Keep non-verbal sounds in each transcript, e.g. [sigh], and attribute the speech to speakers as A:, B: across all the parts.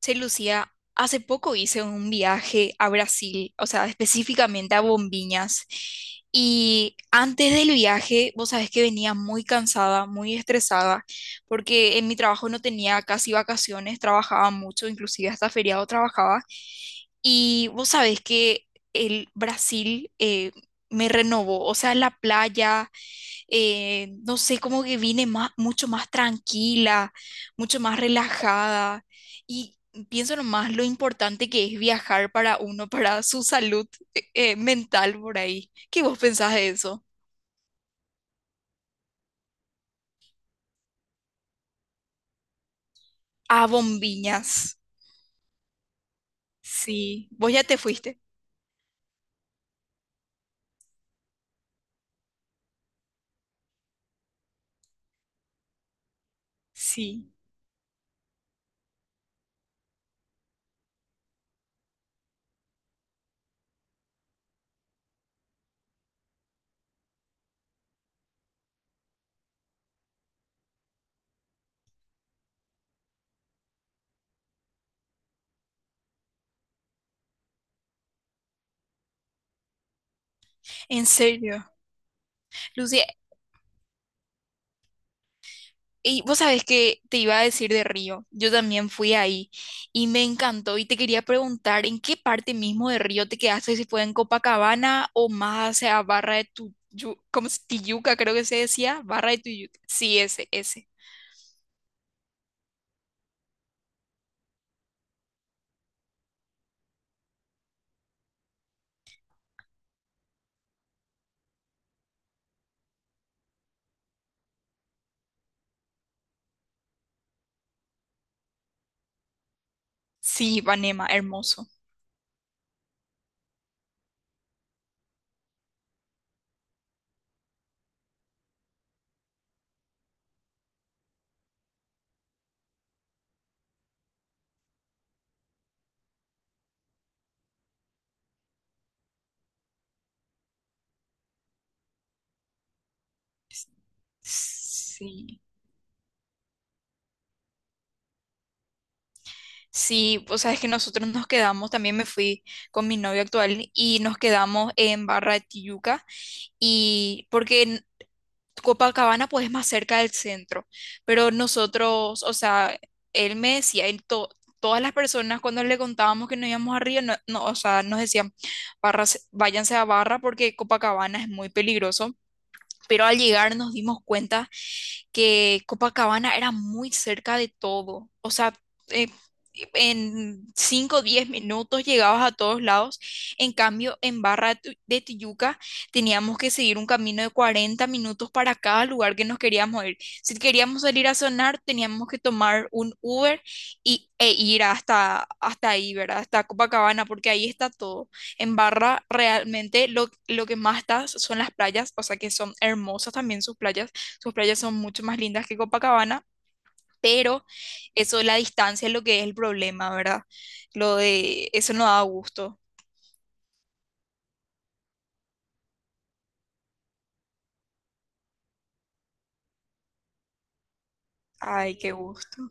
A: Che, Lucía, hace poco hice un viaje a Brasil, o sea, específicamente a Bombiñas. Y antes del viaje, vos sabés que venía muy cansada, muy estresada, porque en mi trabajo no tenía casi vacaciones, trabajaba mucho, inclusive hasta feriado trabajaba. Y vos sabés que el Brasil me renovó, o sea, la playa, no sé, como que vine mucho más tranquila, mucho más relajada. Y pienso nomás lo importante que es viajar para uno, para su salud mental por ahí. ¿Qué vos pensás de eso? A bombiñas. Sí, vos ya te fuiste. Sí, en serio. Lucy, y vos sabés que te iba a decir de Río, yo también fui ahí y me encantó y te quería preguntar en qué parte mismo de Río te quedaste, si fue en Copacabana o más hacia Barra ¿cómo es? Tijuca, creo que se decía, Barra de Tijuca, sí, ese, ese. Sí, Ipanema, hermoso. Sí. Sí, o sea, es que nosotros nos quedamos, también me fui con mi novio actual y nos quedamos en Barra de Tijuca y porque en Copacabana pues es más cerca del centro, pero nosotros, o sea, él me decía, todas las personas cuando le contábamos que nos íbamos a Río, no, no, o sea, nos decían, barras, váyanse a Barra porque Copacabana es muy peligroso, pero al llegar nos dimos cuenta que Copacabana era muy cerca de todo. O sea, eh, en 5 o 10 minutos llegabas a todos lados. En cambio, en Barra de Tijuca teníamos que seguir un camino de 40 minutos para cada lugar que nos queríamos ir. Si queríamos salir a sonar, teníamos que tomar un Uber e ir hasta ahí, ¿verdad? Hasta Copacabana, porque ahí está todo. En Barra realmente lo que más está son las playas, o sea que son hermosas también sus playas. Sus playas son mucho más lindas que Copacabana, pero eso de la distancia es lo que es el problema, ¿verdad? Lo de eso no da gusto. Ay, qué gusto.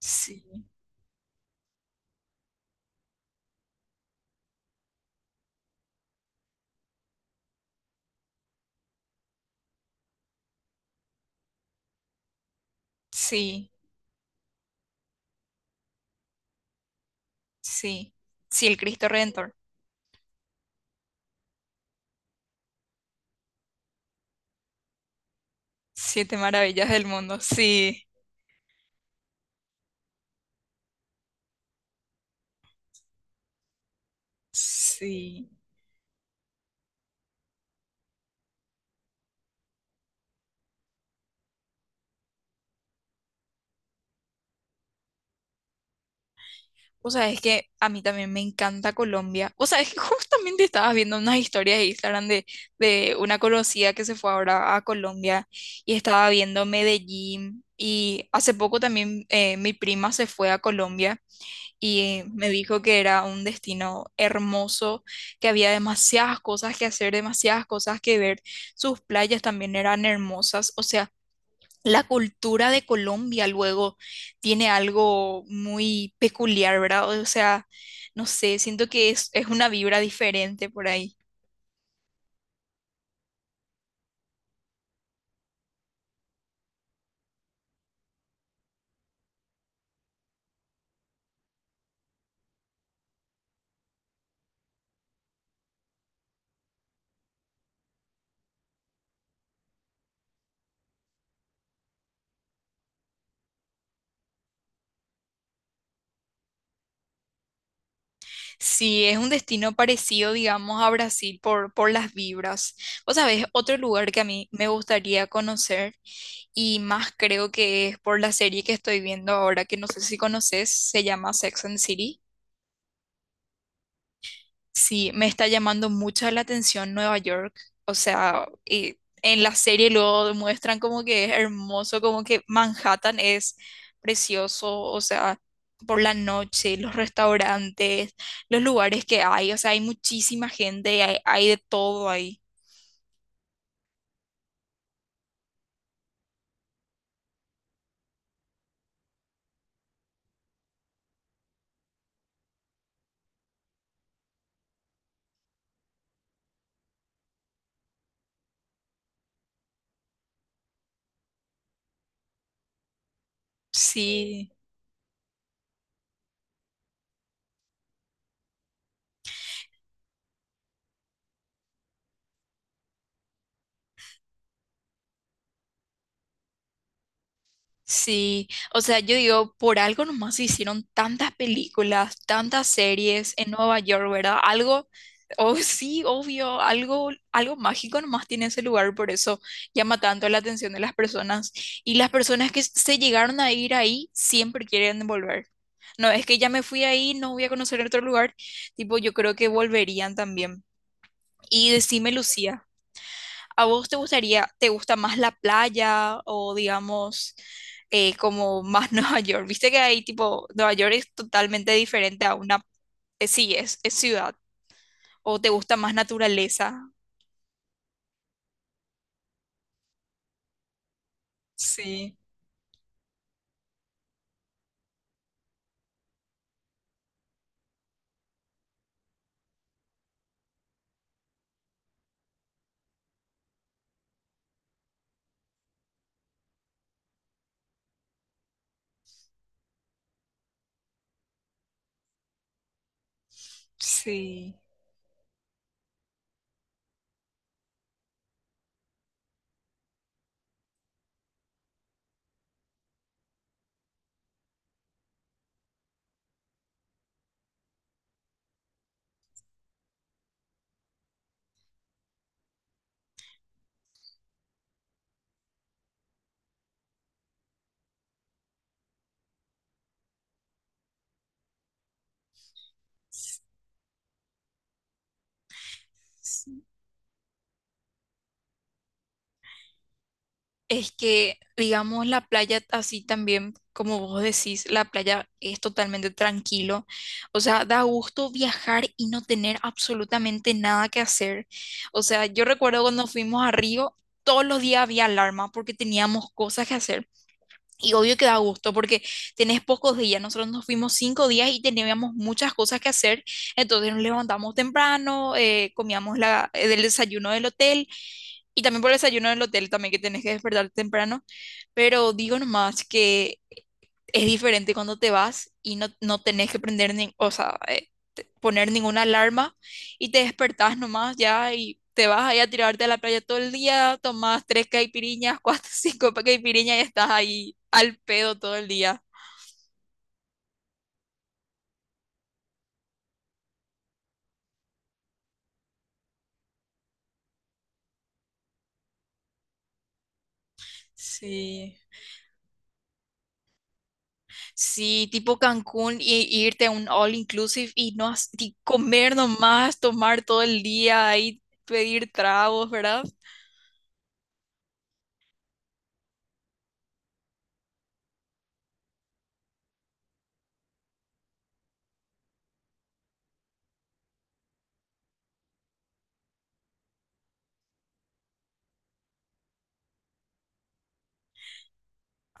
A: Sí, sí, sí. Sí, el Cristo Redentor. Siete maravillas del mundo. Sí, sí. O sea, es que a mí también me encanta Colombia. O sea, es que [laughs] justamente estabas viendo unas historias de Instagram de una conocida que se fue ahora a Colombia y estaba viendo Medellín. Y hace poco también mi prima se fue a Colombia y me dijo que era un destino hermoso, que había demasiadas cosas que hacer, demasiadas cosas que ver. Sus playas también eran hermosas. O sea, la cultura de Colombia luego tiene algo muy peculiar, ¿verdad? O sea, no sé, siento que es una vibra diferente por ahí. Sí, es un destino parecido, digamos, a Brasil por las vibras. Vos sabés, otro lugar que a mí me gustaría conocer y más creo que es por la serie que estoy viendo ahora, que no sé si conoces, se llama Sex and the City. Sí, me está llamando mucho la atención Nueva York. O sea, y en la serie luego demuestran como que es hermoso, como que Manhattan es precioso, o sea, por la noche, los restaurantes, los lugares que hay, o sea, hay muchísima gente, hay de todo ahí. Sí. Sí, o sea, yo digo, por algo nomás se hicieron tantas películas, tantas series en Nueva York, ¿verdad? Algo, oh sí, obvio, algo mágico nomás tiene ese lugar, por eso llama tanto la atención de las personas. Y las personas que se llegaron a ir ahí siempre quieren volver. No, es que ya me fui ahí, no voy a conocer otro lugar. Tipo, yo creo que volverían también. Y decime, Lucía. ¿A vos te gustaría, te gusta más la playa o digamos como más [laughs] Nueva York? Viste que ahí tipo, Nueva York es totalmente diferente a una, sí, es ciudad. ¿O te gusta más naturaleza? Sí, sí. Es que, digamos, la playa así también, como vos decís, la playa es totalmente tranquilo. O sea, da gusto viajar y no tener absolutamente nada que hacer. O sea, yo recuerdo cuando fuimos a Río, todos los días había alarma porque teníamos cosas que hacer. Y obvio que da gusto porque tenés pocos días. Nosotros nos fuimos 5 días y teníamos muchas cosas que hacer. Entonces nos levantamos temprano, comíamos el desayuno del hotel, y también por el desayuno del hotel también que tenés que despertar temprano. Pero digo nomás que es diferente cuando te vas y no tenés que prender ni, o sea, poner ninguna alarma, y te despertás nomás ya y te vas ahí a tirarte a la playa todo el día, tomás tres caipiriñas, [laughs] cuatro, cinco caipiriñas y estás ahí al pedo todo el día. Sí. Sí, tipo Cancún y irte a un all inclusive y no has- y comer nomás, tomar todo el día ahí, pedir tragos, ¿verdad?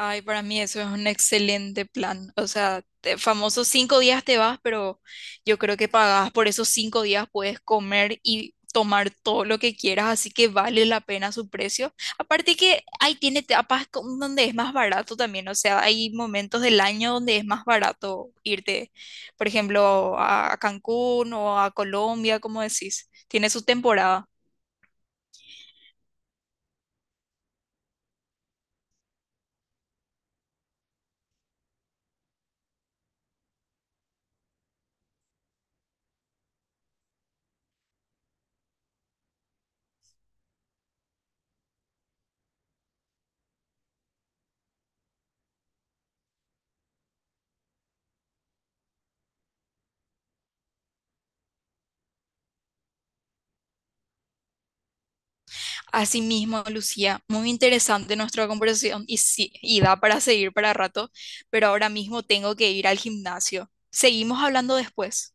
A: Ay, para mí eso es un excelente plan. O sea, famosos 5 días te vas, pero yo creo que pagás por esos 5 días, puedes comer y tomar todo lo que quieras, así que vale la pena su precio. Aparte que ahí tiene etapas donde es más barato también, o sea, hay momentos del año donde es más barato irte, por ejemplo, a Cancún o a Colombia, como decís. Tiene su temporada. Asimismo, Lucía, muy interesante nuestra conversación y sí, y da para seguir para rato, pero ahora mismo tengo que ir al gimnasio. Seguimos hablando después.